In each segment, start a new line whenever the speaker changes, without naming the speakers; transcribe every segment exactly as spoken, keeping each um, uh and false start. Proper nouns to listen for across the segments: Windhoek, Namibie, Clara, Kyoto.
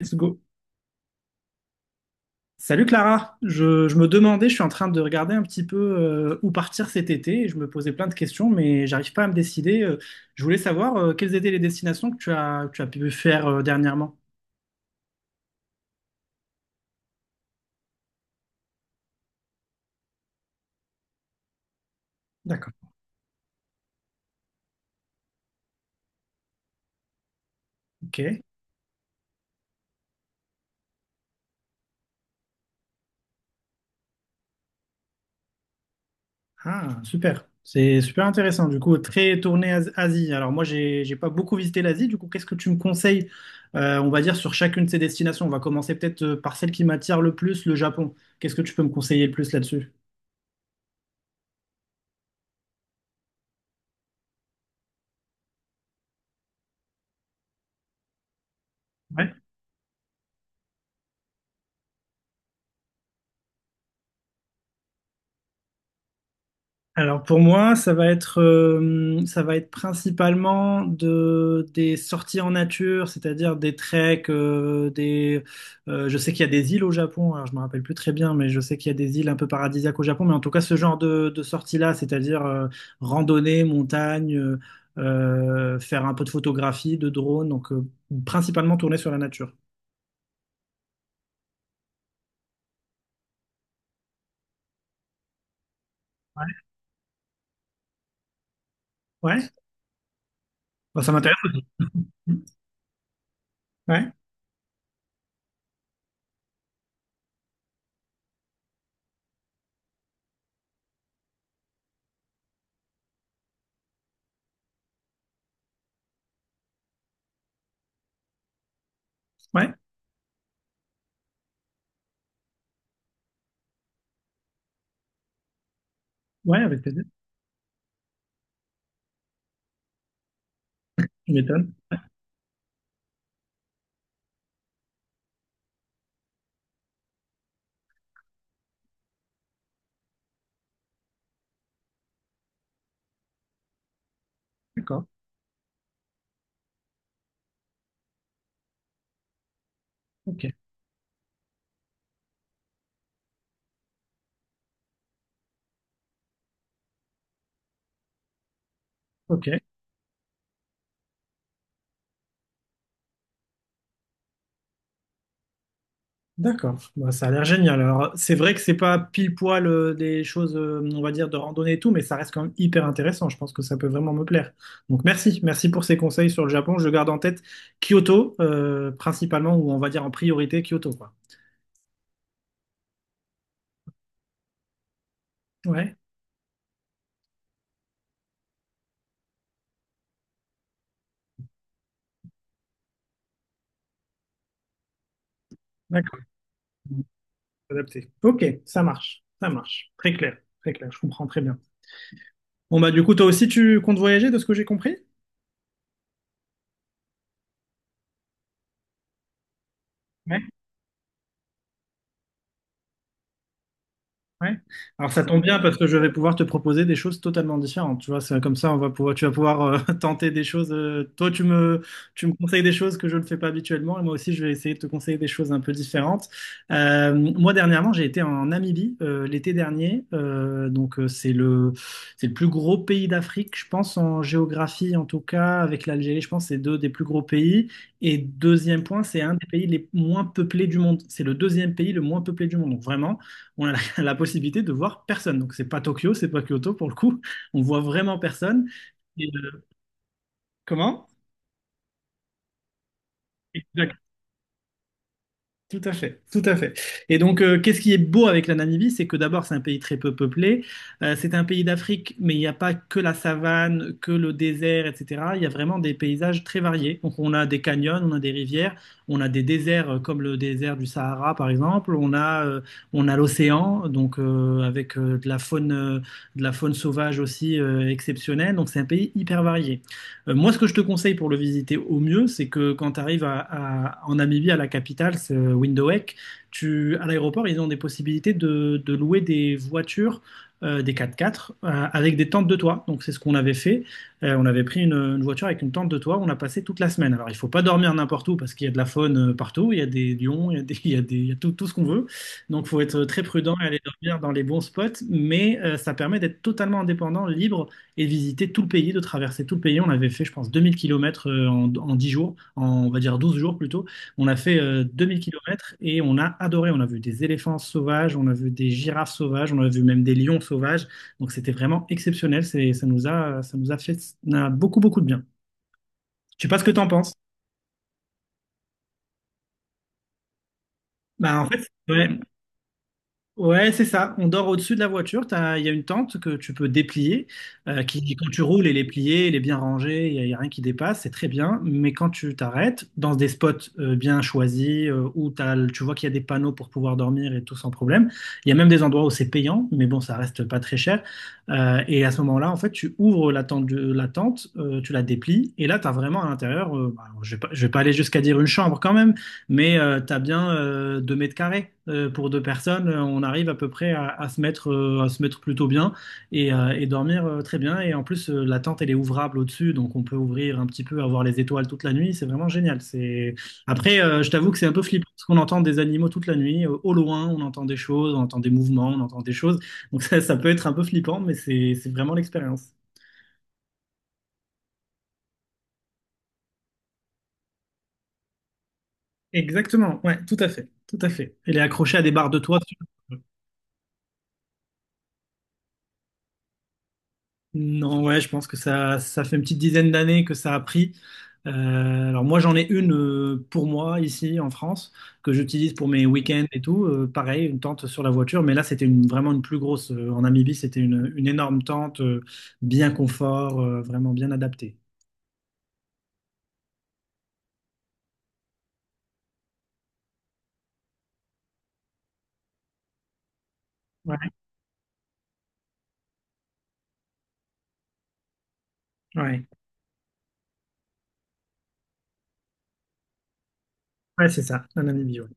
Let's go. Salut Clara, je, je me demandais, je suis en train de regarder un petit peu euh, où partir cet été et je me posais plein de questions, mais j'arrive pas à me décider. Euh, je voulais savoir euh, quelles étaient les destinations que tu as, que tu as pu faire euh, dernièrement. D'accord. Ok. Ah, super. C'est super intéressant. Du coup, très tourné As- Asie. Alors moi, j'ai, j'ai pas beaucoup visité l'Asie. Du coup, qu'est-ce que tu me conseilles, euh, on va dire, sur chacune de ces destinations? On va commencer peut-être euh, par celle qui m'attire le plus, le Japon. Qu'est-ce que tu peux me conseiller le plus là-dessus? Alors pour moi, ça va être, euh, ça va être principalement de, des sorties en nature, c'est-à-dire des treks, euh, des, euh, je sais qu'il y a des îles au Japon, alors je me rappelle plus très bien, mais je sais qu'il y a des îles un peu paradisiaques au Japon, mais en tout cas ce genre de, de sorties-là, c'est-à-dire euh, randonnée, montagne, euh, euh, faire un peu de photographie, de drone, donc euh, principalement tourner sur la nature. Ouais, ouais, bah, ça m'intéresse. Ouais, ouais, ouais, avec plaisir. Tu m'étonnes. D'accord. Ok, ok. D'accord, bah, ça a l'air génial. Alors, c'est vrai que c'est pas pile poil euh, des choses, euh, on va dire, de randonnée et tout, mais ça reste quand même hyper intéressant. Je pense que ça peut vraiment me plaire. Donc, merci, merci pour ces conseils sur le Japon. Je garde en tête Kyoto, euh, principalement, ou on va dire en priorité Kyoto, quoi. Ouais, d'accord. Adapté. Ok, ça marche, ça marche. Très clair, très clair, je comprends très bien. Bon, bah, du coup, toi aussi, tu comptes voyager de ce que j'ai compris? Ouais. Alors ça tombe bien parce que je vais pouvoir te proposer des choses totalement différentes. Tu vois, c'est comme ça, on va pouvoir, tu vas pouvoir euh, tenter des choses. Euh, toi, tu me, tu me conseilles des choses que je ne fais pas habituellement, et moi aussi, je vais essayer de te conseiller des choses un peu différentes. Euh, moi, dernièrement, j'ai été en Namibie euh, l'été dernier. Euh, donc euh, c'est le, c'est le plus gros pays d'Afrique, je pense en géographie en tout cas, avec l'Algérie, je pense que c'est deux des plus gros pays. Et deuxième point, c'est un des pays les moins peuplés du monde. C'est le deuxième pays le moins peuplé du monde. Donc vraiment. On a la possibilité de voir personne. Donc, c'est pas Tokyo, c'est pas Kyoto pour le coup. On voit vraiment personne. Et, euh, comment? Tout à fait, tout à fait. Et donc, euh, qu'est-ce qui est beau avec la Namibie, c'est que d'abord, c'est un pays très peu peuplé. Euh, c'est un pays d'Afrique, mais il n'y a pas que la savane, que le désert, et cetera. Il y a vraiment des paysages très variés. Donc, on a des canyons, on a des rivières, on a des déserts euh, comme le désert du Sahara, par exemple. On a, euh, on a l'océan, donc euh, avec euh, de la faune, euh, de la faune sauvage aussi euh, exceptionnelle. Donc, c'est un pays hyper varié. Euh, moi, ce que je te conseille pour le visiter au mieux, c'est que quand tu arrives à, à- en Namibie, à la capitale, c'est euh, Windhoek, tu, à l'aéroport, ils ont des possibilités de, de louer des voitures, euh, des quatre-quatre, euh, avec des tentes de toit. Donc, c'est ce qu'on avait fait. Euh, on avait pris une, une voiture avec une tente de toit, on a passé toute la semaine. Alors, il faut pas dormir n'importe où parce qu'il y a de la faune euh, partout, il y a des lions, il y a des, il y a des- il y a tout, tout ce qu'on veut. Donc, faut être très prudent et aller dormir dans les bons spots, mais euh, ça permet d'être totalement indépendant, libre et visiter tout le pays, de traverser tout le pays. On avait fait, je pense, deux mille kilomètres euh, en, en dix jours, en, on va dire douze jours plutôt. On a fait euh, deux mille kilomètres et on a adoré. On a vu des éléphants sauvages, on a vu des girafes sauvages, on a vu même des lions sauvages. Donc c'était vraiment exceptionnel. C'est, ça nous a, ça nous a fait, ça a beaucoup, beaucoup de bien. Je sais pas ce que tu en penses. Bah, en fait, ouais, ouais, c'est ça. On dort au-dessus de la voiture. T'as- il y a une tente que tu peux déplier, euh, qui, qui, quand tu roules, elle est pliée, elle est bien rangée, il n'y a, il y a rien qui dépasse, c'est très bien. Mais quand tu t'arrêtes dans des spots euh, bien choisis, euh, où t'as le- tu vois qu'il y a des panneaux pour pouvoir dormir et tout sans problème, il y a même des endroits où c'est payant, mais bon, ça reste pas très cher. Euh, et à ce moment-là, en fait, tu ouvres la tente, de, la tente euh, tu la déplies, et là, tu as vraiment à l'intérieur, euh, bah, je vais pas, je vais pas aller jusqu'à dire une chambre quand même, mais euh, t'as bien euh, deux mètres carrés euh, pour deux personnes. euh, On arrive à peu près à, à se mettre, euh, à se mettre plutôt bien et, euh, et dormir euh, très bien. Et en plus, euh, la tente, elle est ouvrable au-dessus, donc on peut ouvrir un petit peu, avoir les étoiles toute la nuit. C'est vraiment génial. C'est... Après, euh, je t'avoue que c'est un peu flippant parce qu'on entend des animaux toute la nuit. euh, Au loin, on entend des choses, on entend des mouvements, on entend des choses. Donc ça, ça peut être un peu flippant, mais c'est c'est vraiment l'expérience. Exactement, ouais, tout à fait, tout à fait. Elle est accrochée à des barres de toit. Non, ouais, je pense que ça, ça fait une petite dizaine d'années que ça a pris. Euh, alors moi, j'en ai une euh, pour moi ici en France que j'utilise pour mes week-ends et tout. Euh, pareil, une tente sur la voiture, mais là, c'était une, vraiment une plus grosse. Euh, en Namibie, c'était une, une énorme tente, euh, bien confort, euh, vraiment bien adaptée. Ouais, ouais, ouais, c'est ça, la Namibie. Ouais.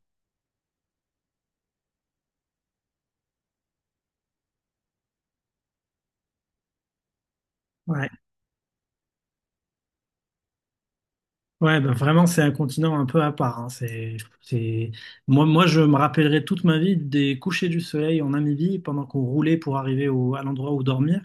Ouais. Ouais, bah vraiment, c'est un continent un peu à part, hein. C'est, c'est... Moi, moi, je me rappellerai toute ma vie des couchers du soleil en Namibie pendant qu'on roulait pour arriver au, à l'endroit où dormir.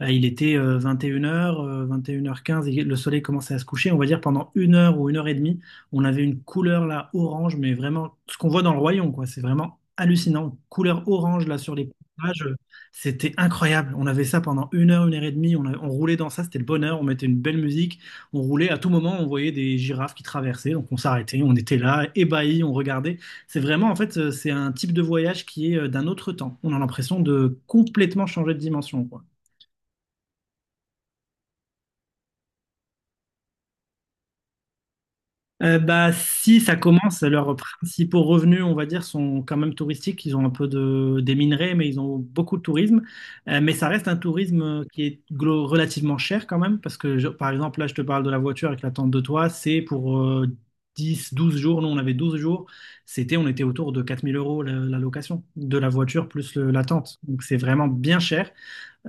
Euh, il était euh, vingt et une heures, quinze et une heures quinze, et le soleil commençait à se coucher. On va dire pendant une heure ou une heure et demie, on avait une couleur là orange, mais vraiment ce qu'on voit dans le royaume, quoi. C'est vraiment hallucinant. Couleur orange là sur les plages, euh, c'était incroyable. On avait ça pendant une heure, une heure et demie. On, a- on roulait dans ça, c'était le bonheur. On mettait une belle musique on roulait. À tout moment, on voyait des girafes qui traversaient. Donc on s'arrêtait, on était là, ébahis, on regardait. C'est vraiment, en fait, euh, c'est un type de voyage qui est euh, d'un autre temps. On a l'impression de complètement changer de dimension, quoi. Euh, bah, si ça commence, leurs principaux revenus, on va dire, sont quand même touristiques. Ils ont un peu de, des minerais, mais ils ont beaucoup de tourisme. Euh, mais ça reste un tourisme euh, qui est glo- relativement cher quand même, parce que, je- par exemple, là, je te parle de la voiture avec la tente de toit, c'est pour euh, dix, douze jours. Nous, on avait douze jours. C'était, on était autour de quatre mille euros la, la location de la voiture plus le- la tente. Donc, c'est vraiment bien cher.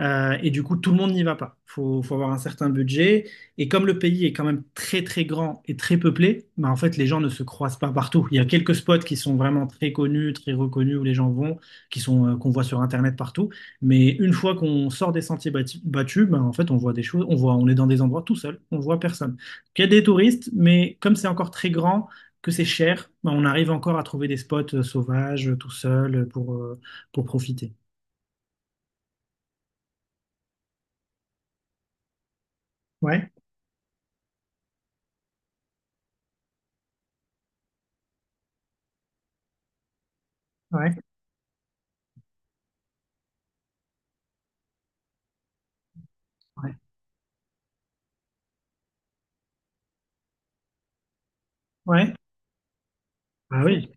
Euh, et du coup, tout le monde n'y va pas. Il Faut, faut avoir un certain budget. Et comme le pays est quand même très très grand et très peuplé, bah, en fait, les gens ne se croisent pas partout. Il y a quelques spots qui sont vraiment très connus, très reconnus où les gens vont, qui sont euh, qu'on voit sur Internet partout. Mais une fois qu'on sort des sentiers bati- battus, bah, en fait, on voit des choses. On voit, on est dans des endroits tout seul. On voit personne. Donc, il y a des touristes, mais comme c'est encore très grand, que c'est cher, bah, on arrive encore à trouver des spots euh, sauvages, euh, tout seul, euh, pour euh, pour profiter. Ouais, ouais, ouais. Ouais. Ah oui,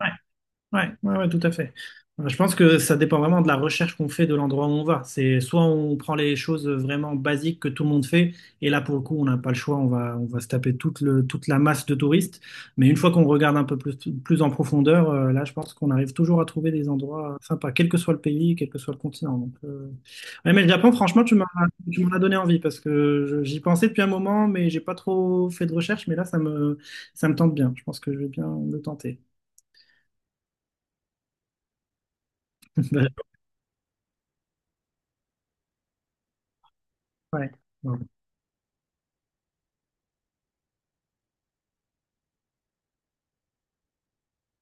ouais, ouais, ouais, ouais, tout à fait. Euh, Je pense que ça dépend vraiment de la recherche qu'on fait de l'endroit où on va. C'est soit on prend les choses vraiment basiques que tout le monde fait, et là pour le coup on n'a pas le choix, on va, on va se taper toute le, toute la masse de touristes. Mais une fois qu'on regarde un peu plus, plus en profondeur, euh, là je pense qu'on arrive toujours à trouver des endroits sympas, quel que soit le pays, quel que soit le continent. Donc, euh, ouais, mais le Japon, franchement, tu m'as, tu m'en as donné envie parce que je- j'y pensais depuis un moment, mais j'ai pas trop fait de recherche. Mais là ça me, ça me tente bien. Je pense que je vais bien le tenter. D'accord. Ouais. Ouais.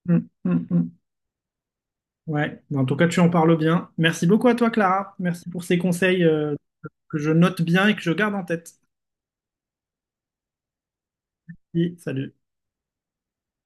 Mm, mm, mm. Ouais. Bon, en tout cas, tu en parles bien. Merci beaucoup à toi, Clara. Merci pour ces conseils, euh, que je note bien et que je garde en tête. Oui. Salut.